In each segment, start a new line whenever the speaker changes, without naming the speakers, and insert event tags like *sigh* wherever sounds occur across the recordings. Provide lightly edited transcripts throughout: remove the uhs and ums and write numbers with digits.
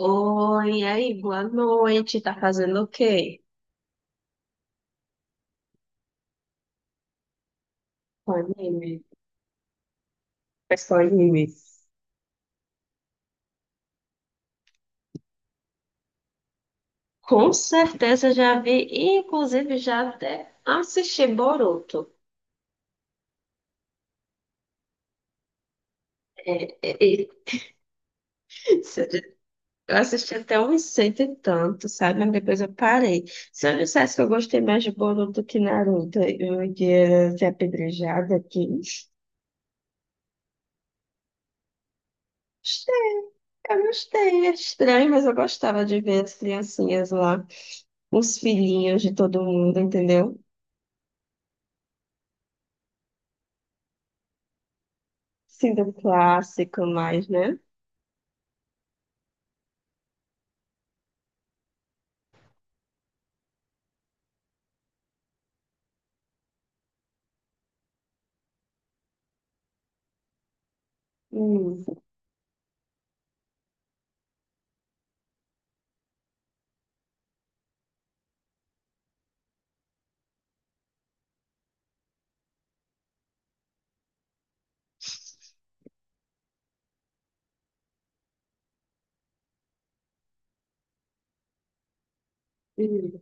Oi, e aí, boa noite. Tá fazendo o quê? Com anime. Mas com anime. Com certeza já vi, e inclusive já até assisti Boruto. E- e- *laughs* se Eu di- eu assisti até uns cento e tanto, sabe? Mas depois eu parei. Se eu dissesse que eu gostei mais de Boruto do que Naruto, eu ia ser apedrejada aqui. Gostei, eu gostei. É estranho, mas eu gostava de ver as criancinhas lá, os filhinhos de todo mundo, entendeu? Síndrome clássico mais, né? Hum, hum,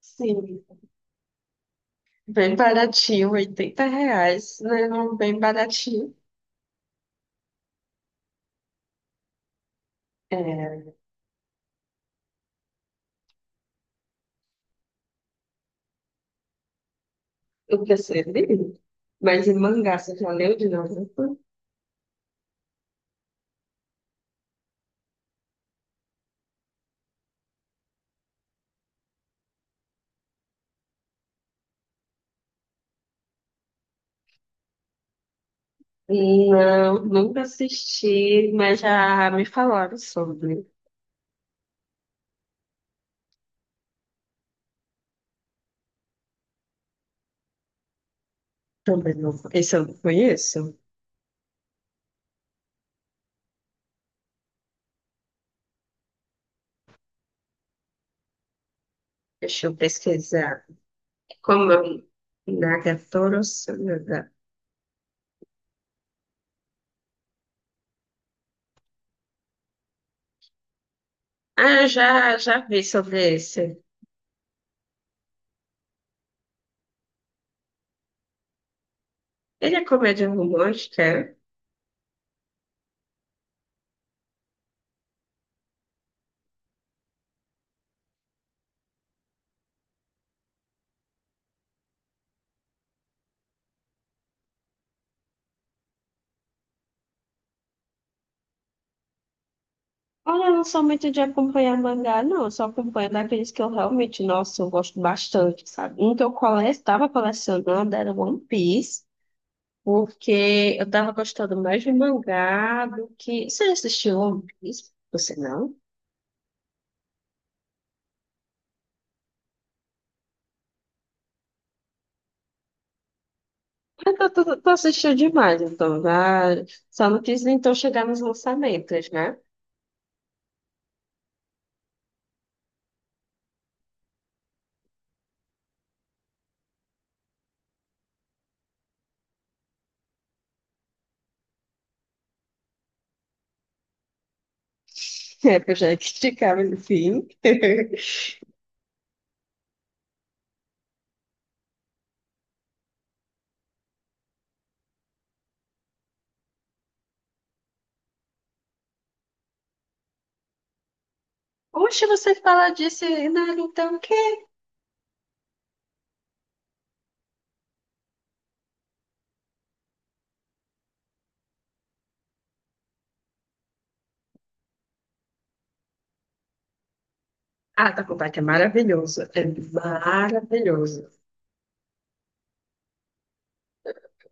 sim. Bem baratinho, R$ 80, né? Não, bem baratinho. É, eu pensei dele. Mas em mangá, você já leu de novo? Não, nunca assisti, mas já me falaram sobre. Também não. Esse eu não conheço. Deixa eu pesquisar. Como é o Nagatoro Sanada? Ah, já vi sobre esse. Ele é comédia romântica? Olha, eu não sou muito de acompanhar mangá, não. Eu só acompanho daqueles que eu realmente, nossa, eu gosto bastante, sabe? Um que eu estava colecionando era One Piece, porque eu tava gostando mais de mangá do que... Você já assistiu One Piece? Você não? Eu tô assistindo demais, então. Já... Só não quis, então, chegar nos lançamentos, né? *laughs* É, porque eu já esticava no fim. *laughs* Oxe, você fala disso, e Naruto, o quê? Ah, tá com vontade, é maravilhoso. É maravilhoso.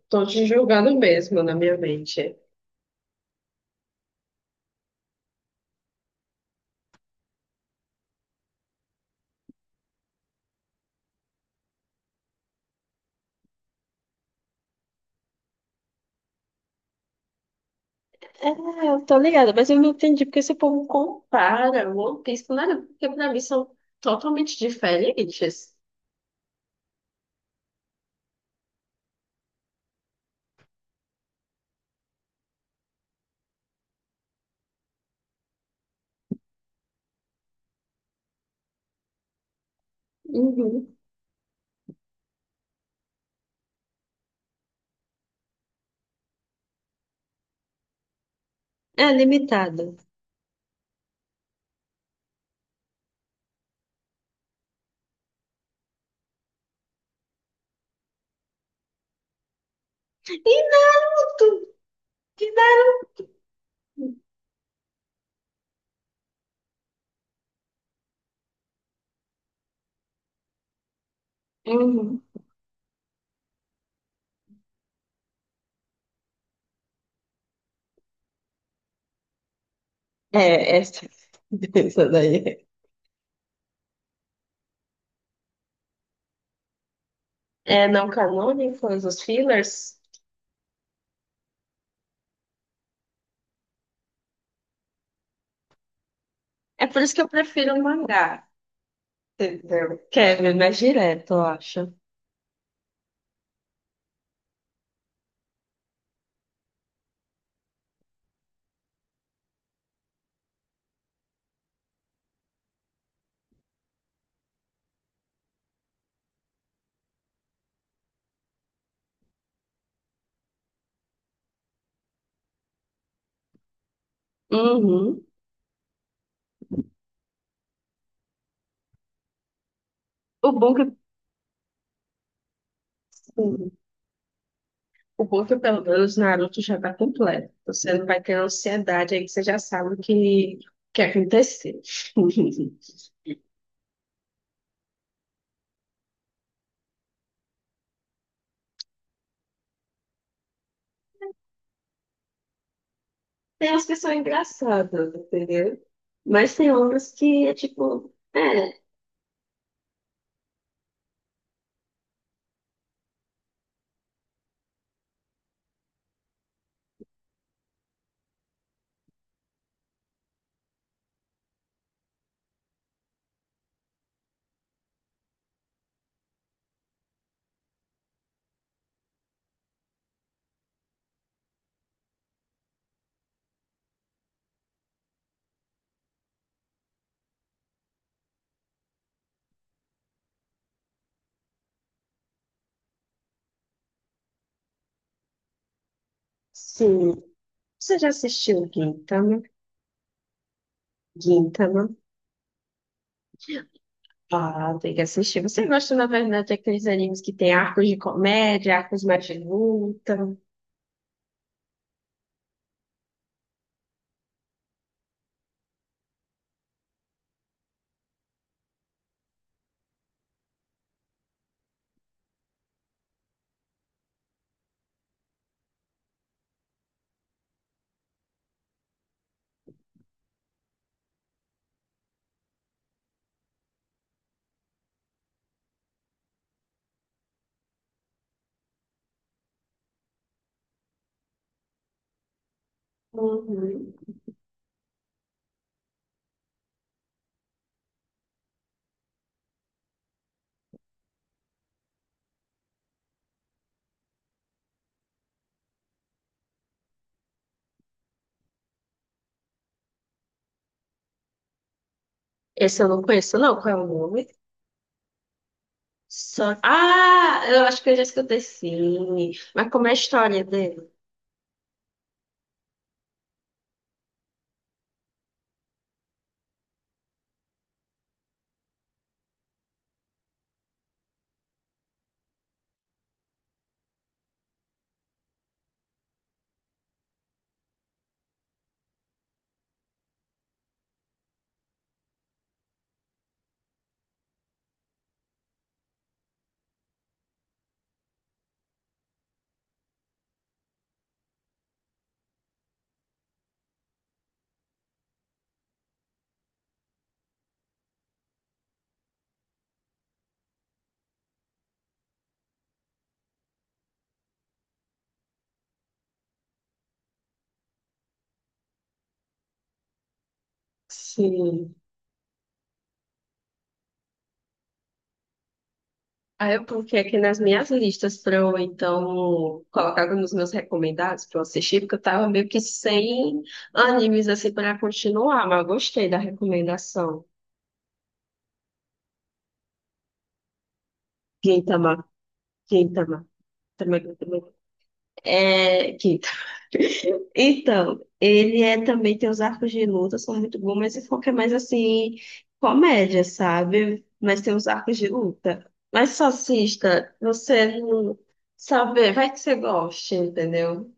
Tô te julgando mesmo na minha mente. É, eu tô ligada, mas eu não entendi porque esse povo compara o One Piece com nada, porque pra mim são totalmente diferentes. Uhum. É limitado. E Naruto? Que Uhum. É, essa, *laughs* essa daí. É não canônicos, os fillers. É por isso que eu prefiro o mangá, entendeu? Que é mais direto, eu acho. Uhum. O bom é que, assim, O bom é que pelo menos Naruto já tá completo. Você não vai ter ansiedade aí que você já sabe o que, que aconteceu. *laughs* Tem umas que são engraçadas, entendeu? Mas tem outras que é tipo, é, sim. Você já assistiu Gintama? Gintama? Ah, tem que assistir. Você gosta, na verdade, daqueles animes que tem arcos de comédia, arcos mais de luta? Uhum. Esse eu não conheço, não. Qual é o nome? Só... Ah, eu acho que eu já escutei, sim. Mas como é a história dele? Sim. Aí eu coloquei aqui nas minhas listas para eu, então, colocar nos meus recomendados para eu assistir, porque eu tava meio que sem animes, assim, para continuar, mas eu gostei da recomendação. Gintama, Gintama. Também, também. É, Gintama. Então, ele é também tem os arcos de luta, são muito bons, mas esse foco é mais assim, comédia, sabe? Mas tem os arcos de luta. Mas só assista, você não sabe, vai que você goste, entendeu?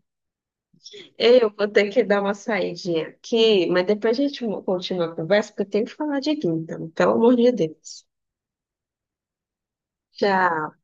Eu vou ter que dar uma saidinha aqui, mas depois a gente continua a conversa, porque eu tenho que falar de Gintama, pelo amor de Deus. Tchau.